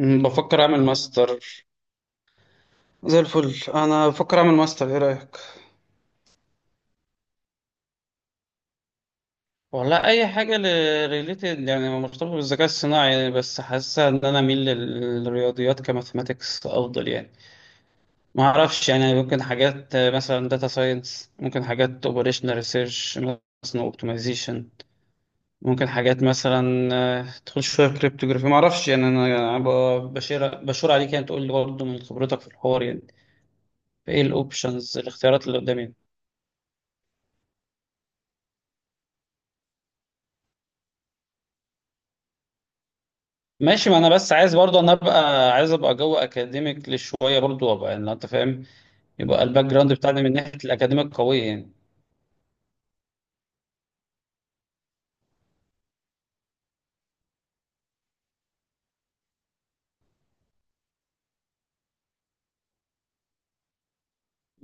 بفكر اعمل ماستر. زي الفل، انا بفكر اعمل ماستر، ايه رايك؟ والله اي حاجه ريليتد، يعني مرتبطه بالذكاء الصناعي يعني، بس حاسه ان انا اميل للرياضيات كماثماتكس افضل يعني. ما اعرفش يعني، ممكن حاجات مثلا داتا ساينس، ممكن حاجات اوبريشنال ريسيرش، مثلا اوبتمايزيشن. ممكن حاجات مثلا تدخل شويه كريبتوغرافي. ما اعرفش يعني. انا أنا ب- بشير بشور عليك، يعني تقول لي برضه من خبرتك في الحوار يعني. ايه الاوبشنز، الاختيارات اللي قدامي. ماشي، ما انا بس عايز برضه، انا ابقى عايز ابقى جو اكاديميك لشويه برضه، وابقى يعني انت فاهم، يبقى الباك جراوند بتاعنا من ناحيه الاكاديميك قويه يعني.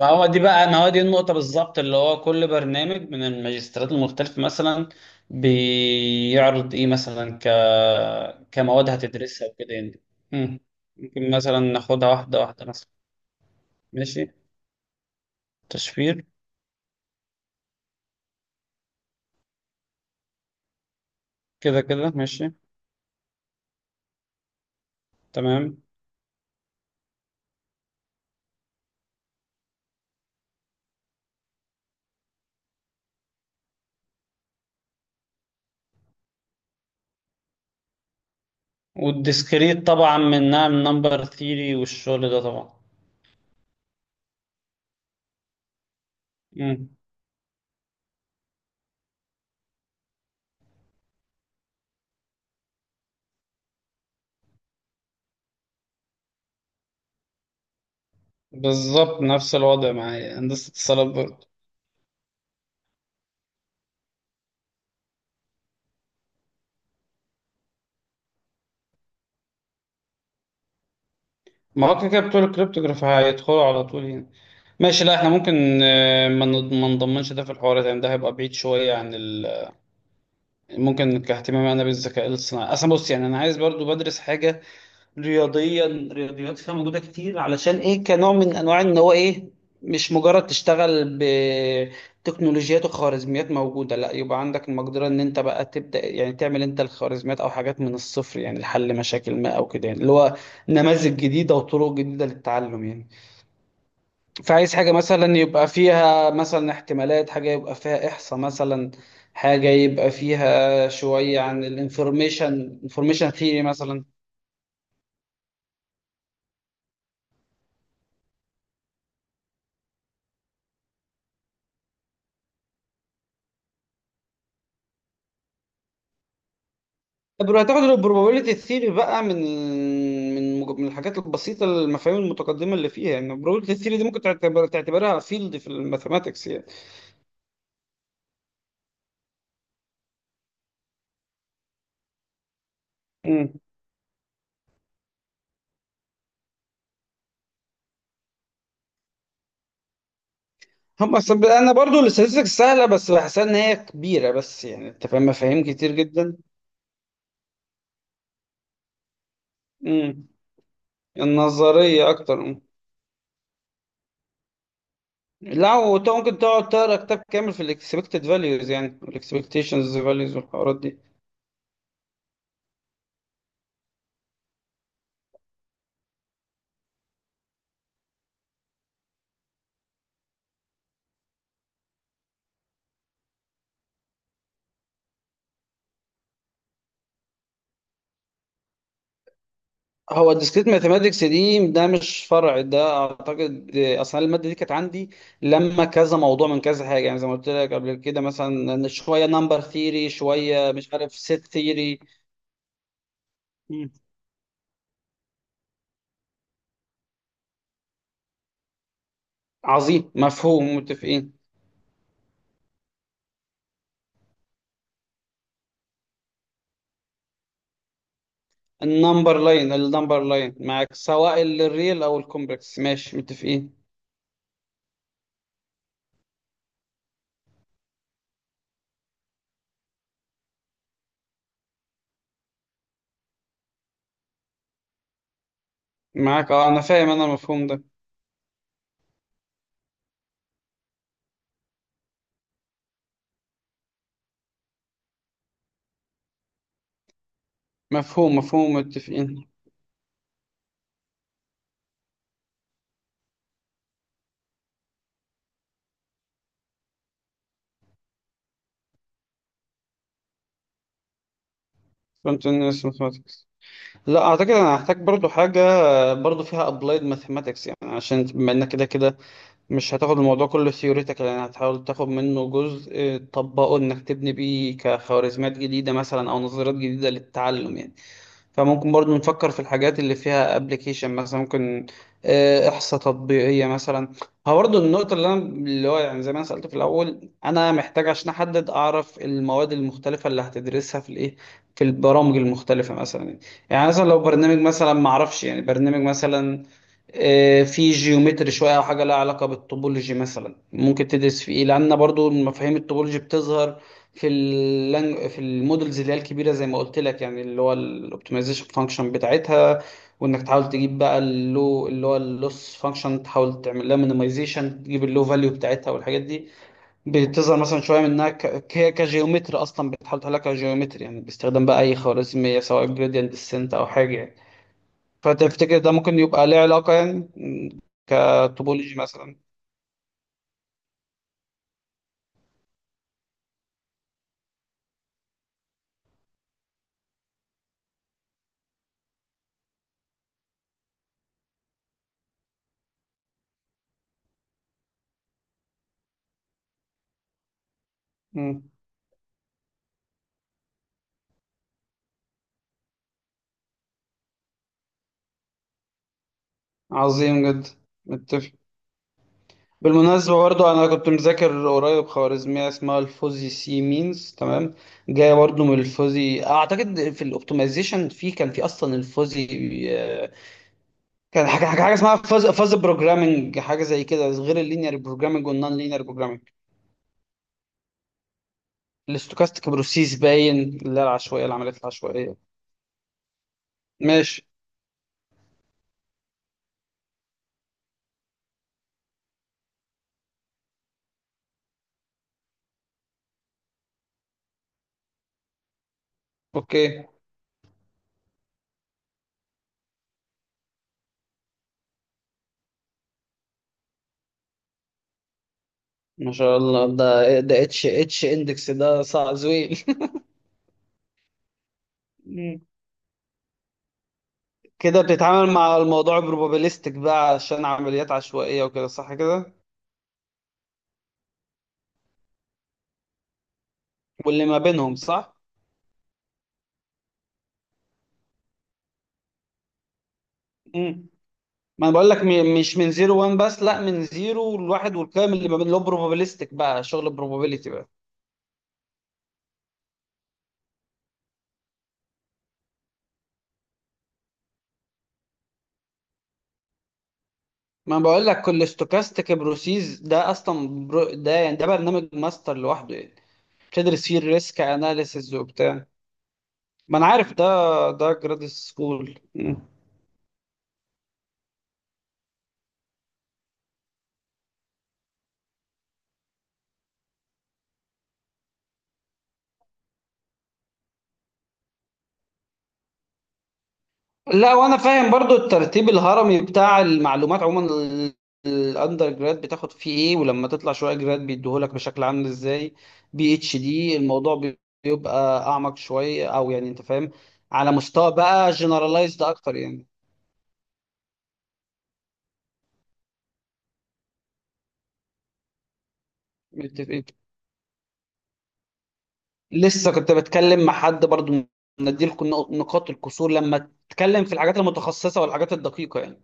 ما هو دي النقطه بالظبط، اللي هو كل برنامج من الماجستيرات المختلفه مثلا بيعرض ايه، مثلا كمواد هتدرسها وكده يعني. مم. ممكن مثلا ناخدها واحده واحده مثلا. ماشي. تشفير. كده كده ماشي. تمام. والديسكريت طبعا، منها من نمبر ثيري والشغل ده طبعا. مم. بالظبط نفس الوضع معايا، هندسة اتصالات برضه. ما هو كده كده بتوع الكريبتوغراف هيدخلوا على طول هنا. ماشي. لا احنا ممكن، ما نضمنش ده في الحوارات يعني، ده هيبقى بعيد شوية عن ال... ممكن كاهتمامي انا بالذكاء الاصطناعي اصلا. بص يعني انا عايز برضو بدرس حاجة رياضيات فيها موجوده كتير، علشان ايه، كنوع من انواع ان هو ايه، مش مجرد تشتغل بتكنولوجيات وخوارزميات موجوده، لا، يبقى عندك المقدره ان انت بقى تبدا يعني تعمل انت الخوارزميات او حاجات من الصفر يعني، لحل مشاكل ما او كده يعني، اللي هو نماذج جديده وطرق جديده للتعلم يعني. فعايز حاجه مثلا يبقى فيها مثلا احتمالات، حاجه يبقى فيها احصاء مثلا، حاجه يبقى فيها شويه عن الانفورميشن، انفورميشن ثيوري مثلا. طب لو هتاخد البروبابيلتي ثيري بقى، من الحاجات البسيطه، المفاهيم المتقدمه اللي فيها يعني، البروبابيلتي ثيري دي ممكن تعتبرها فيلد في الماثماتكس يعني. مم. هم، أصل انا برضو الاستاتستكس سهله، بس بحسها ان هي كبيره بس، يعني انت فاهم، مفاهيم كتير جدا. مم. النظريه اكتر. مم. لا، وانت ممكن تقعد تقرا كتاب كامل في الاكسبكتد فاليوز يعني، والاكسبكتيشنز فاليوز والحوارات دي. هو الديسكريت ماثيماتكس دي، ده مش فرع، ده اعتقد اصلا الماده دي كانت عندي لما كذا موضوع من كذا حاجه يعني، زي ما قلت لك قبل كده، مثلا إن شويه نمبر ثيري، شويه مش عارف سيت ثيري. عظيم، مفهوم، متفقين. النمبر لاين، النمبر لاين معاك، سواء الريل او الكومبلكس، ماشي، متفقين. معاك، اه انا فاهم انا المفهوم ده. مفهوم مفهوم، متفقين. كنت، لا اعتقد انا هحتاج برضو حاجه برضو فيها ابلايد ماثيماتكس يعني، عشان بما انك كده كده مش هتاخد الموضوع كله ثيوريتيكال يعني، هتحاول تاخد منه جزء تطبقه، انك تبني بيه كخوارزميات جديده مثلا او نظريات جديده للتعلم يعني. فممكن برضو نفكر في الحاجات اللي فيها ابلكيشن مثلا. ممكن احصاء تطبيقيه مثلا. هو برضو النقطه اللي انا اللي هو يعني، زي ما انا سالت في الاول، انا محتاج عشان احدد اعرف المواد المختلفه اللي هتدرسها في الايه، في البرامج المختلفه مثلا. يعني مثلا لو برنامج مثلا، ما اعرفش يعني، برنامج مثلا في جيومتري شويه، او حاجه لها علاقه بالطوبولوجي مثلا، ممكن تدرس في ايه، لان برضو مفاهيم الطوبولوجي بتظهر في المودلز اللي هي الكبيره، زي ما قلت لك يعني، اللي هو الاوبتمايزيشن فانكشن بتاعتها، وانك تحاول تجيب بقى اللو، اللي هو اللوس فانكشن، تحاول تعمل لها مينيمايزيشن، تجيب اللو فاليو بتاعتها، والحاجات دي بتظهر مثلا شويه منها كجيومتري، اصلا بتحاول تحلها كجيومتري يعني، باستخدام بقى اي خوارزميه، سواء جريدينت ديسنت او حاجه يعني. فتفتكر ده ممكن يبقى ليه علاقة يعني، كتوبولوجي مثلا. مم، عظيم جدا. متفق. بالمناسبة برضه، أنا كنت مذاكر قريب خوارزمية اسمها الفوزي سي مينز، تمام، جاية برضه من الفوزي أعتقد، في الأوبتمايزيشن، في كان في أصلا الفوزي آه، كان حاجة حاجة اسمها فاز بروجرامنج، حاجة زي كده غير اللينير بروجرامنج والنون لينير بروجرامنج. الاستوكاستيك بروسيس باين، اللي هي العشوائية، العمليات العشوائية. ماشي. أوكي. ما شاء الله، ده ده اتش اتش اندكس، ده صعب زويل. مم. كده بتتعامل مع الموضوع بروبابيليستيك بقى، عشان عمليات عشوائية وكده، صح كده؟ واللي ما بينهم صح. مم. ما انا بقول لك، مش من زيرو وان بس، لا، من زيرو لواحد، والكلام اللي ما بين، اللي هو بروبابيليستيك بقى، شغل بروبابيليتي بقى. ما أنا بقول لك كل ستوكاستيك بروسيس ده اصلا ده يعني، ده برنامج ماستر لوحده يعني. بتدرس فيه الريسك اناليسيز وبتاع. ما انا عارف ده، ده جراد سكول. لا، وانا فاهم برضو الترتيب الهرمي بتاع المعلومات عموما، ال- الاندر جراد بتاخد فيه ايه، ولما تطلع شويه جراد بيديهولك بشكل عامل ازاي، بي اتش دي الموضوع بيبقى اعمق شويه، او يعني انت فاهم، على مستوى بقى جنرالايزد اكتر يعني. متفقين. لسه كنت بتكلم مع حد برضو، نديلكم نقاط الكسور لما تتكلم في الحاجات المتخصصه والحاجات الدقيقه يعني.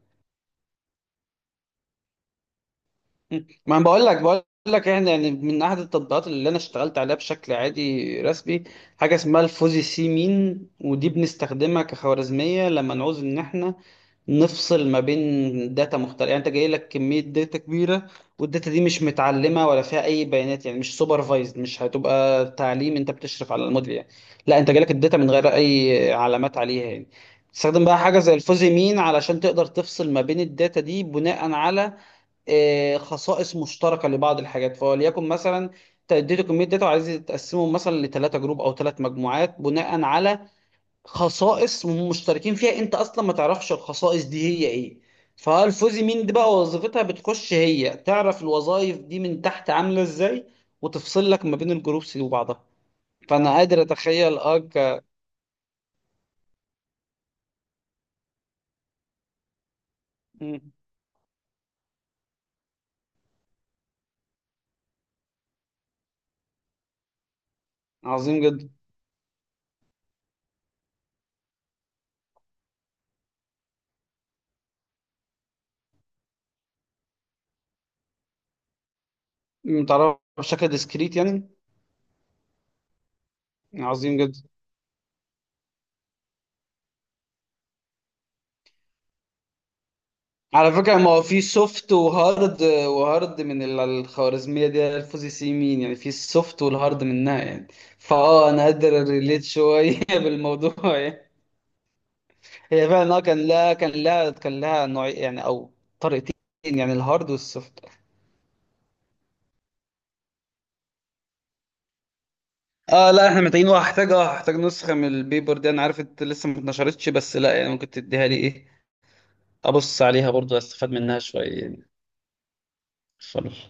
مم. ما انا بقول لك احنا يعني، من احد التطبيقات اللي انا اشتغلت عليها بشكل عادي رسمي، حاجه اسمها الفوزي سي مين، ودي بنستخدمها كخوارزميه لما نعوز ان احنا نفصل ما بين داتا مختلفه يعني. انت جاي لك كميه داتا كبيره، والداتا دي مش متعلمه ولا فيها اي بيانات يعني، مش سوبرفايزد، مش هتبقى تعليم انت بتشرف على الموديل يعني، لا، انت جالك الداتا من غير اي علامات عليها يعني. تستخدم بقى حاجه زي الفوزي مين، علشان تقدر تفصل ما بين الداتا دي بناء على خصائص مشتركه لبعض الحاجات. فوليكن مثلا تديتوا كميه داتا، وعايزين تقسمهم مثلا لثلاثه جروب او ثلاث مجموعات، بناء على خصائص مشتركين فيها انت اصلا ما تعرفش الخصائص دي هي ايه. فالفوزي مين دي بقى، وظيفتها بتخش هي، تعرف الوظائف دي من تحت عامله ازاي، وتفصل لك ما بين الجروبس دي وبعضها. فانا قادر اتخيل مم. عظيم جدا. متعرف بشكل ديسكريت يعني. عظيم جدا. على فكرة ما هو في سوفت وهارد، وهارد من ال- الخوارزمية دي الفوزي سي مين، يعني في السوفت والهارد منها يعني. فاه، انا قادر ريليت شوية بالموضوع يعني. هي فعلا اه كان لها نوع يعني، او طريقتين يعني، الهارد والسوفت. اه لا، احنا محتاجين، وهحتاج اه هحتاج نسخة من البيبر دي. انا عارف انت لسه ما اتنشرتش، بس لا يعني، ممكن تديها لي، ايه، ابص عليها برضو، استفاد منها شوية يعني. خلاص.